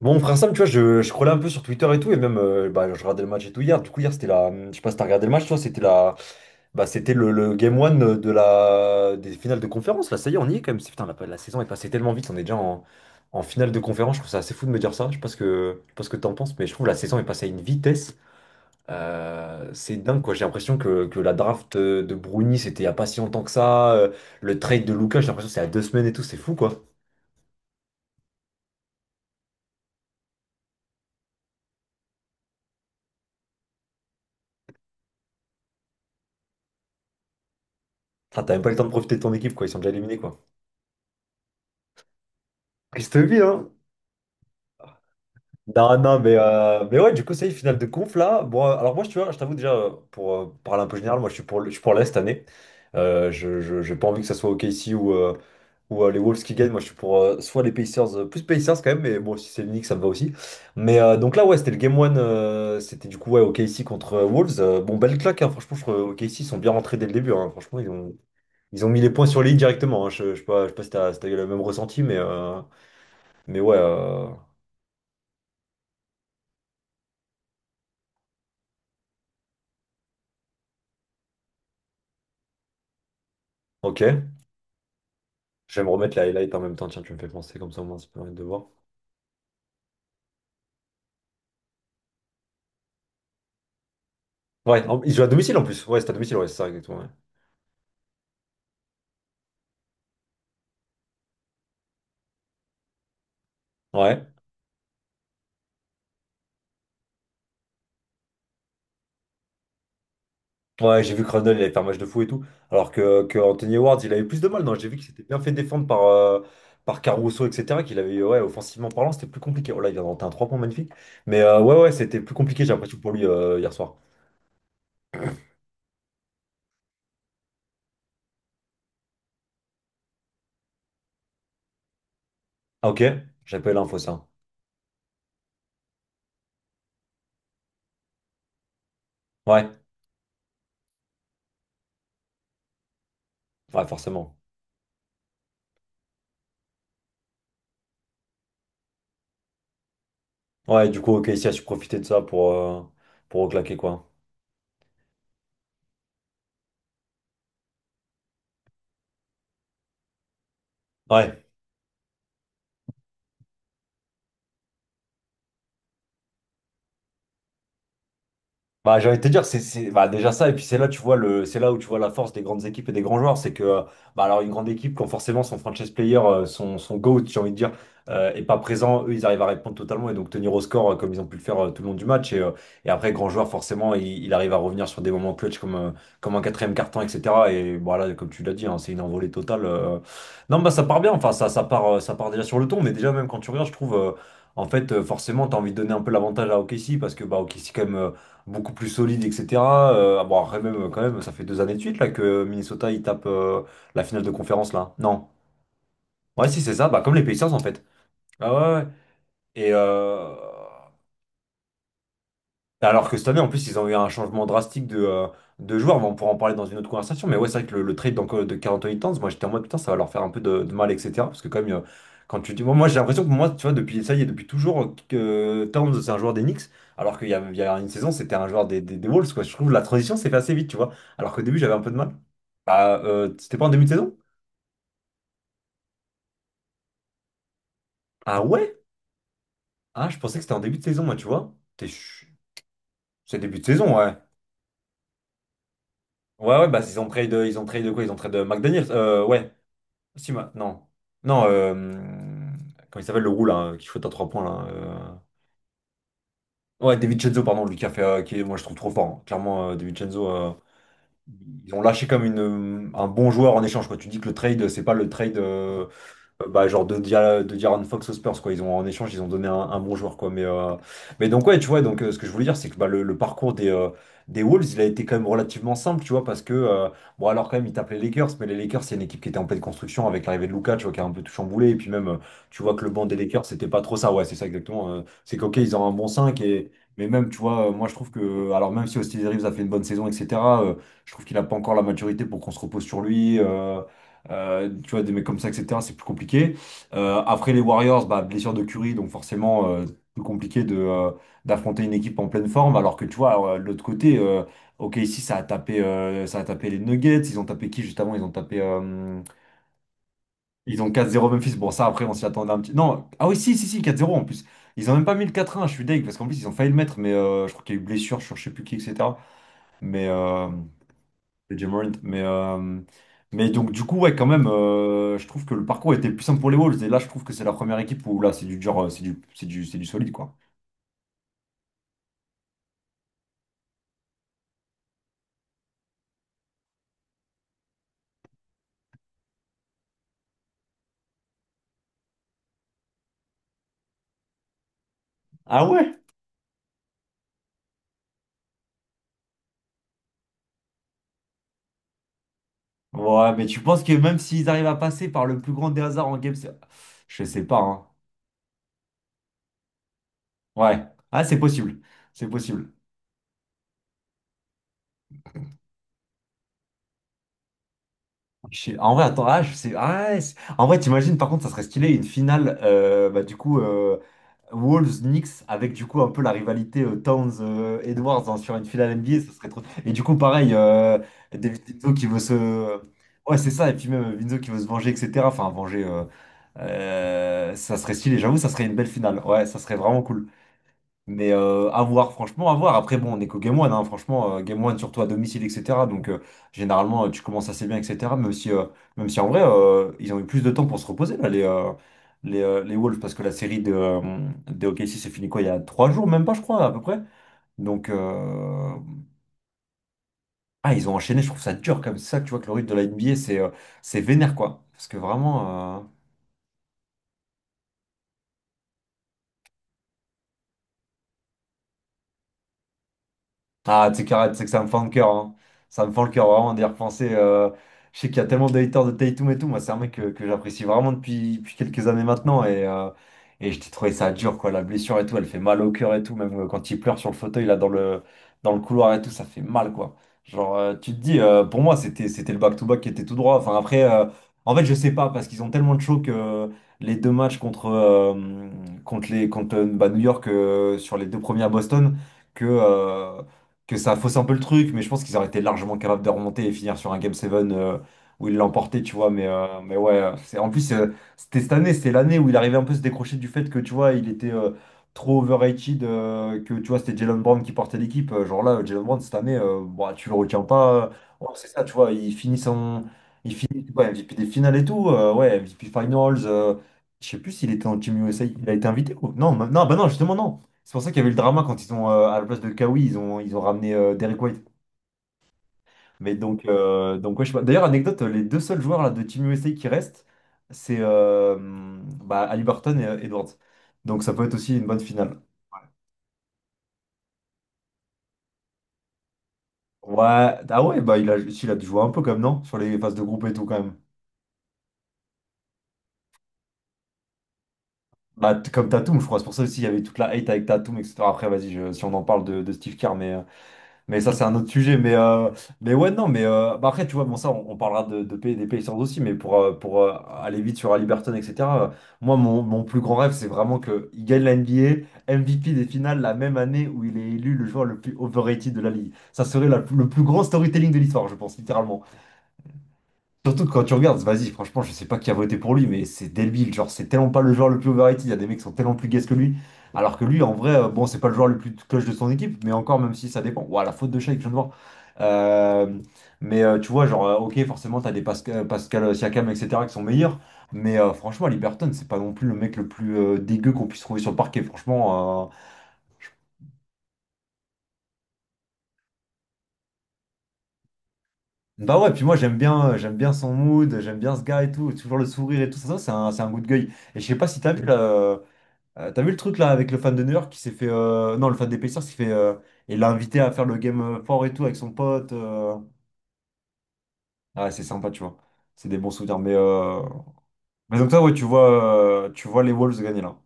Bon, frère Sam, tu vois, je scrollais un peu sur Twitter et tout, et même, je regardais le match et tout hier. Du coup, hier, c'était la... Je sais pas si t'as regardé le match, toi, c'était la... Bah, c'était le game one de la... des finales de conférence. Là, ça y est, on y est quand même. C'est- Putain, la saison est passée tellement vite, on est déjà en finale de conférence. Je trouve ça assez fou de me dire ça. Je sais pas ce que, je sais pas ce que t'en penses, mais je trouve la saison est passée à une vitesse. C'est dingue, quoi. J'ai l'impression que la draft de Bruni, c'était il y a pas si longtemps que ça. Le trade de Lucas, j'ai l'impression que c'est à deux semaines et tout, c'est fou, quoi. Putain, t'as même pas le temps de profiter de ton équipe, quoi. Ils sont déjà éliminés, quoi. Triste vie, hein. Non, non, mais ouais, du coup, ça y est, finale de conf là. Bon, alors moi, tu vois, je t'avoue déjà, pour parler un peu général, moi, je suis pour, le- je suis pour l'Est cette année. J'ai pas envie que ça soit OKC ou, les Wolves qui gagnent. Moi, je suis pour soit les Pacers, plus Pacers quand même, mais bon, si c'est le Knicks, ça me va aussi. Mais donc là, ouais, c'était le Game one c'était du coup, ouais, OKC contre Wolves. Bon, belle claque, hein, franchement, je trouve OKC ils sont bien rentrés dès le début, hein. Franchement, ils ont mis les points sur les i directement, hein. Je, je sais pas si t'as, si t'as eu le même ressenti, mais, mais ouais, euh, ok. Je vais me remettre la highlight en même temps, tiens, tu me fais penser comme ça au moins, ça peut permettre de voir. Ouais, en- il joue à domicile en plus. Ouais, c'est à domicile, ouais, c'est ça, exactement. Ouais, ouais. Ouais, j'ai vu que Randle, il avait fait un match de fou et tout. Alors que Anthony Edwards, il avait plus de mal. Non, j'ai vu qu'il s'était bien fait défendre par, par Caruso, etc. Qu'il avait, ouais, offensivement parlant, c'était plus compliqué. Oh là, il vient de rentrer un 3 points magnifique. Mais ouais, ouais, c'était plus compliqué, j'ai l'impression, pour lui hier soir. Ah, ok, j'avais pas eu l'info, ça. Ouais, ouais, forcément. Ouais, du coup, ok, ici, a su profiter de ça pour reclaquer, quoi. Ouais. Bah, j'ai envie de te dire, c'est- bah, déjà ça, et puis c'est là, tu vois le, c'est là où tu vois la force des grandes équipes et des grands joueurs, c'est que, bah, alors une grande équipe, quand forcément son franchise player, son GOAT, j'ai envie de dire, est pas présent, eux, ils arrivent à répondre totalement et donc tenir au score comme ils ont pu le faire tout le long du match. Et après, grand joueur, forcément, il arrive à revenir sur des moments clutch comme, comme un quatrième carton, etc. Et voilà, comme tu l'as dit, hein, c'est une envolée totale. Non, bah ça part bien, ça part déjà sur le ton, mais déjà même quand tu regardes, je trouve, forcément, tu as envie de donner un peu l'avantage à OKC parce que bah, OKC quand même. Beaucoup plus solide, etc. Bon, après, même, quand même, ça fait deux années de suite là, que Minnesota il tape la finale de conférence là. Non. Ouais, si, c'est ça, bah, comme les Pacers en fait. Ah ouais, ouais. Et, alors que cette année, en plus, ils ont eu un changement drastique de joueurs, mais on pourra en parler dans une autre conversation. Mais ouais, c'est vrai que le trade d'Anco- de Carl Anthony Towns, moi j'étais en mode putain, ça va leur faire un peu de mal, etc. Parce que, quand même, quand tu dis. Moi, j'ai l'impression que moi, tu vois, depuis ça y est, depuis toujours, que Towns, c'est un joueur des Knicks, alors il y a une saison, c'était un joueur des, des Wolves, quoi. Je trouve que la transition s'est fait assez vite, tu vois. Alors qu'au début, j'avais un peu de mal. Bah, c'était pas en début de saison? Ah ouais? Ah, je pensais que c'était en début de saison, moi, tu vois. T'es ch- C'est début de saison, ouais. Ouais, ouais, bah, ils ont trade de quoi? Ils ont trade de McDaniels. Ouais. Si maintenant. Non, Non, comment il s'appelle le roux là, qui shoot à 3 points là. Ouais, David Chenzo, pardon, lui qui a fait, qui est- moi je trouve trop fort, hein. Clairement, David Chenzo, ils ont lâché comme une, un bon joueur en échange, quoi. Tu dis que le trade, c'est pas le trade. Bah, genre de, Dia- de Diaron Fox aux Spurs, quoi. Ils ont, en échange, ils ont donné un bon joueur, quoi. Mais donc, ouais, tu vois, donc, ce que je voulais dire, c'est que bah, le parcours des Wolves, il a été quand même relativement simple, tu vois, parce que, bon, alors quand même, ils tapent les Lakers, mais les Lakers, c'est une équipe qui était en pleine construction avec l'arrivée de Luka, tu vois, qui a un peu tout chamboulé. Et puis même, tu vois que le banc des Lakers, c'était pas trop ça. Ouais, c'est ça exactement. C'est qu'ok, ils ont un bon 5 et. Mais même, tu vois, moi je trouve que, alors même si Austin Reeves a fait une bonne saison, etc., euh, je trouve qu'il n'a pas encore la maturité pour qu'on se repose sur lui. Tu vois, des mecs comme ça, etc., c'est plus compliqué. Après les Warriors, bah, blessure de Curry, donc forcément plus compliqué de, d'affronter une équipe en pleine forme. Alors que tu vois, de l'autre côté, ok, ici ça a tapé les Nuggets, ils ont tapé qui juste avant? Ils ont tapé, ils ont 4-0 Memphis. Bon, ça après, on s'y attendait un petit... Non, ah oui, si, si, si, 4-0 en plus. Ils ont même pas mis le 4-1, je suis deg, parce qu'en plus ils ont failli le mettre, mais je crois qu'il y a eu blessure sur je sais plus qui, etc. Mais, de Ja Morant. Mais donc, du coup, ouais, quand même, je trouve que le parcours était plus simple pour les Wolves. Et là, je trouve que c'est la première équipe où là, c'est du dur, c'est du solide, quoi. Ah ouais? Ouais, mais tu penses que même s'ils arrivent à passer par le plus grand des hasards en game, c'est- je sais pas, hein. Ouais. Ah, c'est possible. C'est possible. Je sais- En vrai, attends, ah, je sais. Ah, ouais, c'est- en vrai, t'imagines, par contre, ça serait stylé une finale, bah, du coup. Wolves, Knicks, avec du coup un peu la rivalité Towns-Edwards sur une finale NBA, ce serait trop. Et du coup, pareil, David Vinzo qui veut se... Ouais, c'est ça, et puis même Vinzo qui veut se venger, etc. Enfin, venger, ça serait stylé, j'avoue, ça serait une belle finale. Ouais, ça serait vraiment cool. Mais à voir, franchement, à voir. Après, bon, on est qu'au Game One, hein, franchement, Game One, surtout à domicile, etc. Donc, généralement, tu commences assez bien, etc. Même si en vrai, ils ont eu plus de temps pour se reposer, là, les Wolves, parce que la série de OKC s'est finie quoi, il y a 3 jours, même pas, je crois, à peu près. Donc, ah, ils ont enchaîné, je trouve ça dur comme ça, tu vois, que le rythme de la NBA, c'est vénère, quoi. Parce que vraiment... ah, tu sais qu'arrête, c'est que ça me fend le cœur, hein. Ça me fend le cœur vraiment d'y repenser. Je sais qu'il y a tellement de haters de Tatum et tout. Moi, c'est un mec que j'apprécie vraiment depuis, depuis quelques années maintenant. Et je t'ai trouvé ça dur, quoi. La blessure et tout, elle fait mal au cœur et tout. Même quand il pleure sur le fauteuil, là, dans le couloir et tout, ça fait mal, quoi. Genre, tu te dis, pour moi, c'était le back-to-back qui était tout droit. Enfin, après, en fait, je sais pas, parce qu'ils ont tellement de chaud que les deux matchs contre, contre bah, New York sur les deux premiers à Boston que. euh, que ça fausse un peu le truc, mais je pense qu'ils auraient été largement capables de remonter et finir sur un Game 7 où ils l'emportaient, tu vois. Mais ouais, c'est, en plus, c'était cette année, c'était l'année où il arrivait un peu à se décrocher du fait que, tu vois, il était trop overrated, que, tu vois, c'était Jalen Brown qui portait l'équipe. Genre là, Jalen Brown, cette année, bah, tu le retiens pas. Ouais, c'est ça, tu vois, il finit son... Il finit ouais, MVP des finales et tout, ouais, MVP Finals. Je sais plus s'il était en Team USA, il a été invité ou... Non, non, bah non, justement, non. C'est pour ça qu'il y avait eu le drama quand ils ont, à la place de Kawhi, ils ont ramené Derrick White. Mais donc ouais, je sais pas. D'ailleurs, anecdote, les deux seuls joueurs là, de Team USA qui restent, c'est bah, Haliburton et Edwards. Donc ça peut être aussi une bonne finale. Ouais, ah ouais, bah il a, si, il a dû jouer un peu comme non? Sur les phases de groupe et tout quand même. Bah, comme Tatum, je crois. C'est pour ça aussi il y avait toute la hate avec Tatum, etc. Après, vas-y, si on en parle de Steve Kerr, mais. Mais ça, c'est un autre sujet. Mais ouais, non, mais bah après, tu vois, bon, ça, on parlera de pays, des pays sans aussi, mais pour aller vite sur Halliburton, etc. euh, Moi, mon plus grand rêve, c'est vraiment qu'il gagne la N B A M V P des finales la même année où il est élu le joueur le plus overrated de la ligue. Ça serait le plus grand storytelling de l'histoire, je pense, littéralement. Surtout que quand tu regardes, vas-y, franchement, je sais pas qui a voté pour lui, mais c'est Delbille, genre, c'est tellement pas le joueur le plus overrated, il y a des mecs qui sont tellement plus gays que lui, alors que lui, en vrai, bon, c'est pas le joueur le plus cloche de son équipe, mais encore, même si ça dépend, ouah, la faute de chat que je viens de voir. Euh, mais tu vois, genre, ok, forcément, t'as des Pascal Siakam, etc., qui sont meilleurs, mais franchement, Liberton, c'est pas non plus le mec le plus dégueu qu'on puisse trouver sur le parquet, franchement, bah ouais, puis moi j'aime bien son mood, j'aime bien ce gars et tout, toujours le sourire et tout, ça, c'est un good guy. Et je sais pas si t'as vu là. T'as vu le truc là avec le fan de New York qui s'est fait. Non, le fan des Pacers qui fait. Il l'a invité à faire le game fort et tout avec son pote. Ah, ouais, c'est sympa, tu vois. C'est des bons souvenirs. Mais donc, toi, ouais, tu vois les Wolves gagner là.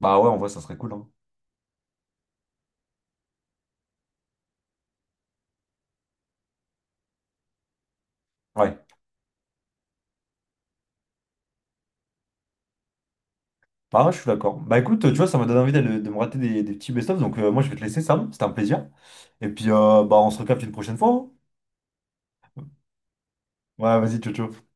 Bah ouais, en vrai, ça serait cool, hein. Ouais. Bah, ouais, je suis d'accord. Bah écoute, tu vois, ça m'a donné envie me rater des petits best-of. Donc, moi, je vais te laisser, Sam. C'était un plaisir. Et puis, bah, on se recapte une prochaine fois, hein. Ouais, vas-y, ciao, ciao.